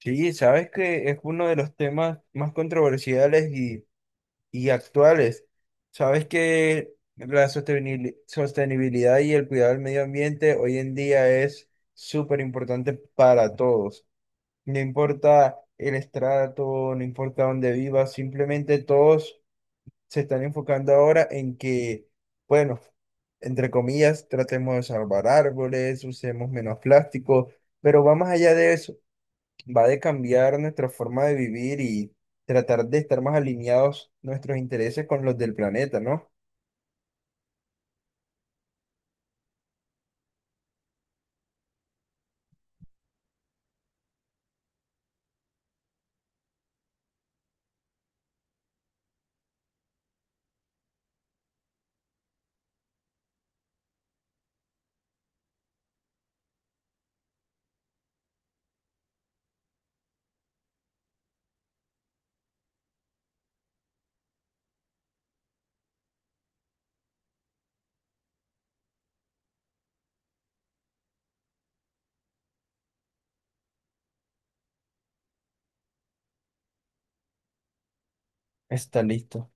Sí, sabes que es uno de los temas más controversiales y actuales. Sabes que la sostenibilidad y el cuidado del medio ambiente hoy en día es súper importante para todos. No importa el estrato, no importa dónde vivas, simplemente todos se están enfocando ahora en que, bueno, entre comillas, tratemos de salvar árboles, usemos menos plástico, pero va más allá de eso, va de cambiar nuestra forma de vivir y tratar de estar más alineados nuestros intereses con los del planeta, ¿no? Está listo.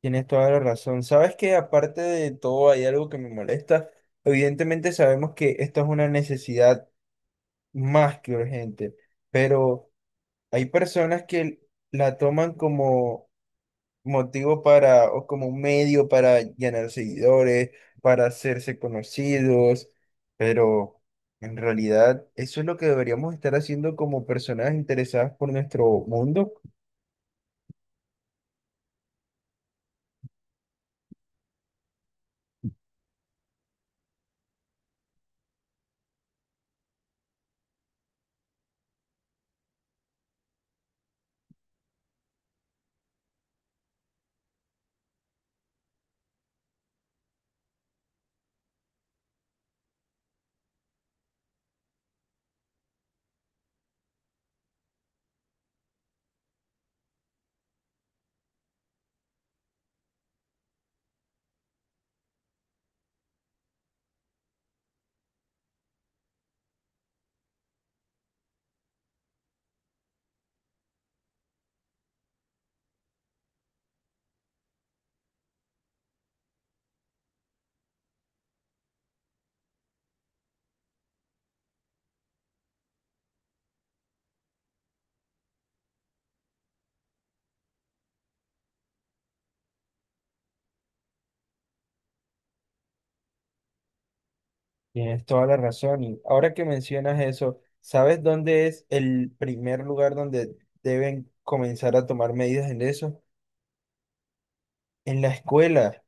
Tienes toda la razón. Sabes que aparte de todo hay algo que me molesta. Evidentemente sabemos que esto es una necesidad más que urgente, pero hay personas que la toman como motivo para, o como un medio para ganar seguidores, para hacerse conocidos, pero en realidad eso es lo que deberíamos estar haciendo como personas interesadas por nuestro mundo. Tienes toda la razón. Y ahora que mencionas eso, ¿sabes dónde es el primer lugar donde deben comenzar a tomar medidas en eso? En la escuela.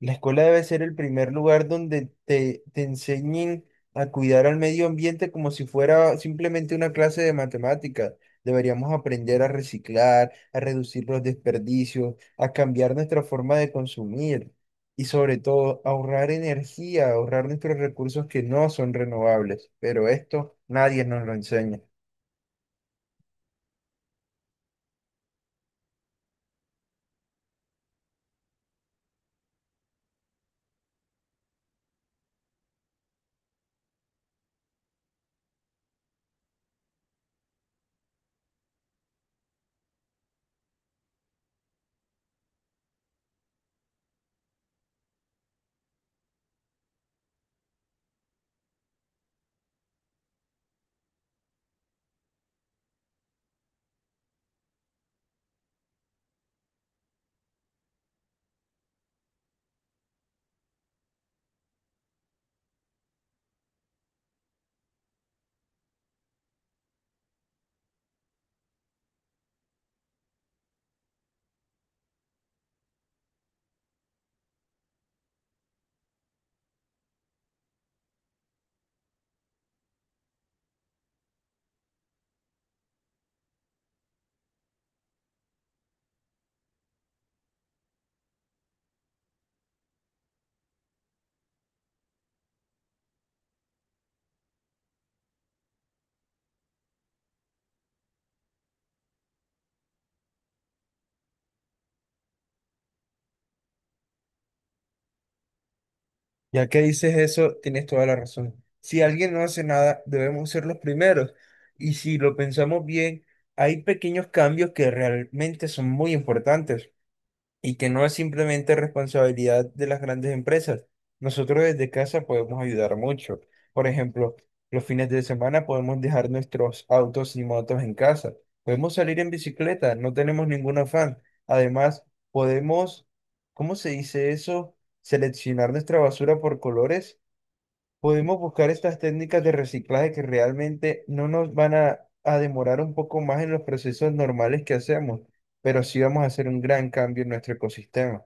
La escuela debe ser el primer lugar donde te enseñen a cuidar al medio ambiente como si fuera simplemente una clase de matemáticas. Deberíamos aprender a reciclar, a reducir los desperdicios, a cambiar nuestra forma de consumir y sobre todo ahorrar energía, ahorrar nuestros recursos que no son renovables. Pero esto nadie nos lo enseña. Ya que dices eso, tienes toda la razón. Si alguien no hace nada, debemos ser los primeros. Y si lo pensamos bien, hay pequeños cambios que realmente son muy importantes y que no es simplemente responsabilidad de las grandes empresas. Nosotros desde casa podemos ayudar mucho. Por ejemplo, los fines de semana podemos dejar nuestros autos y motos en casa. Podemos salir en bicicleta, no tenemos ningún afán. Además, podemos, ¿cómo se dice eso? Seleccionar nuestra basura por colores, podemos buscar estas técnicas de reciclaje que realmente no nos van a demorar un poco más en los procesos normales que hacemos, pero sí vamos a hacer un gran cambio en nuestro ecosistema.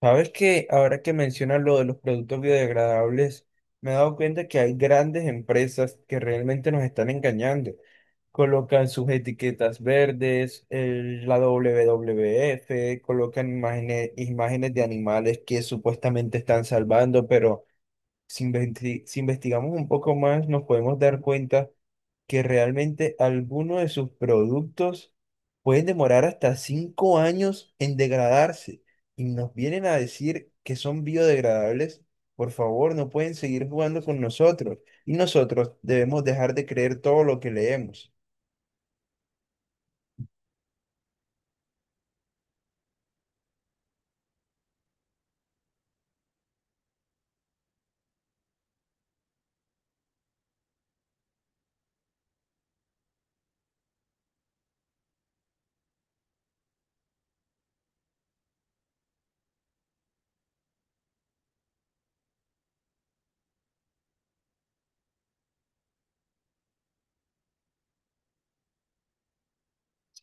Sabes que ahora que mencionas lo de los productos biodegradables, me he dado cuenta que hay grandes empresas que realmente nos están engañando. Colocan sus etiquetas verdes, la WWF, colocan imágenes, imágenes de animales que supuestamente están salvando, pero si investigamos un poco más, nos podemos dar cuenta que realmente algunos de sus productos pueden demorar hasta 5 años en degradarse y nos vienen a decir que son biodegradables. Por favor, no pueden seguir jugando con nosotros y nosotros debemos dejar de creer todo lo que leemos.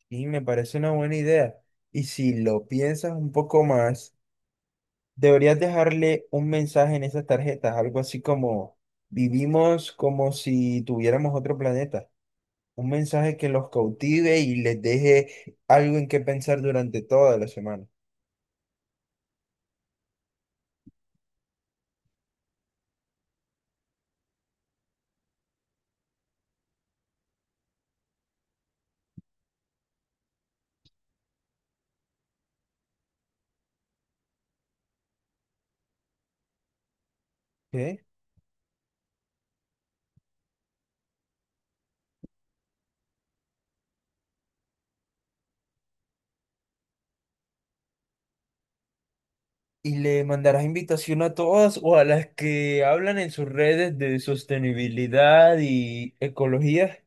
Y me parece una buena idea. Y si lo piensas un poco más, deberías dejarle un mensaje en esas tarjetas, algo así como vivimos como si tuviéramos otro planeta. Un mensaje que los cautive y les deje algo en qué pensar durante toda la semana. ¿Qué? Y le mandarás invitación a todas o a las que hablan en sus redes de sostenibilidad y ecología.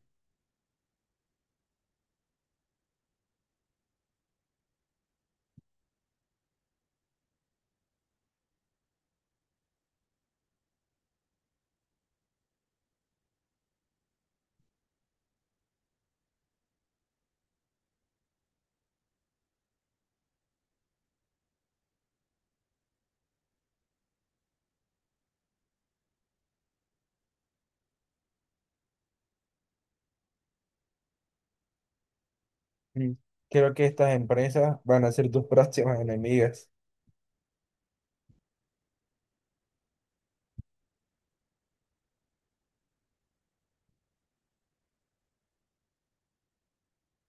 Mm, creo que estas empresas van a ser tus próximas enemigas,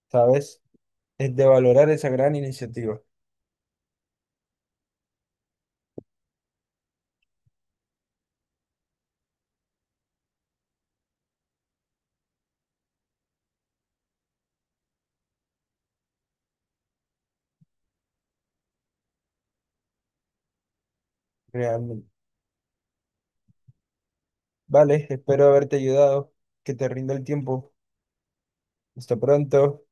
¿sabes? Es de valorar esa gran iniciativa, realmente. Vale, espero haberte ayudado. Que te rinda el tiempo. Hasta pronto.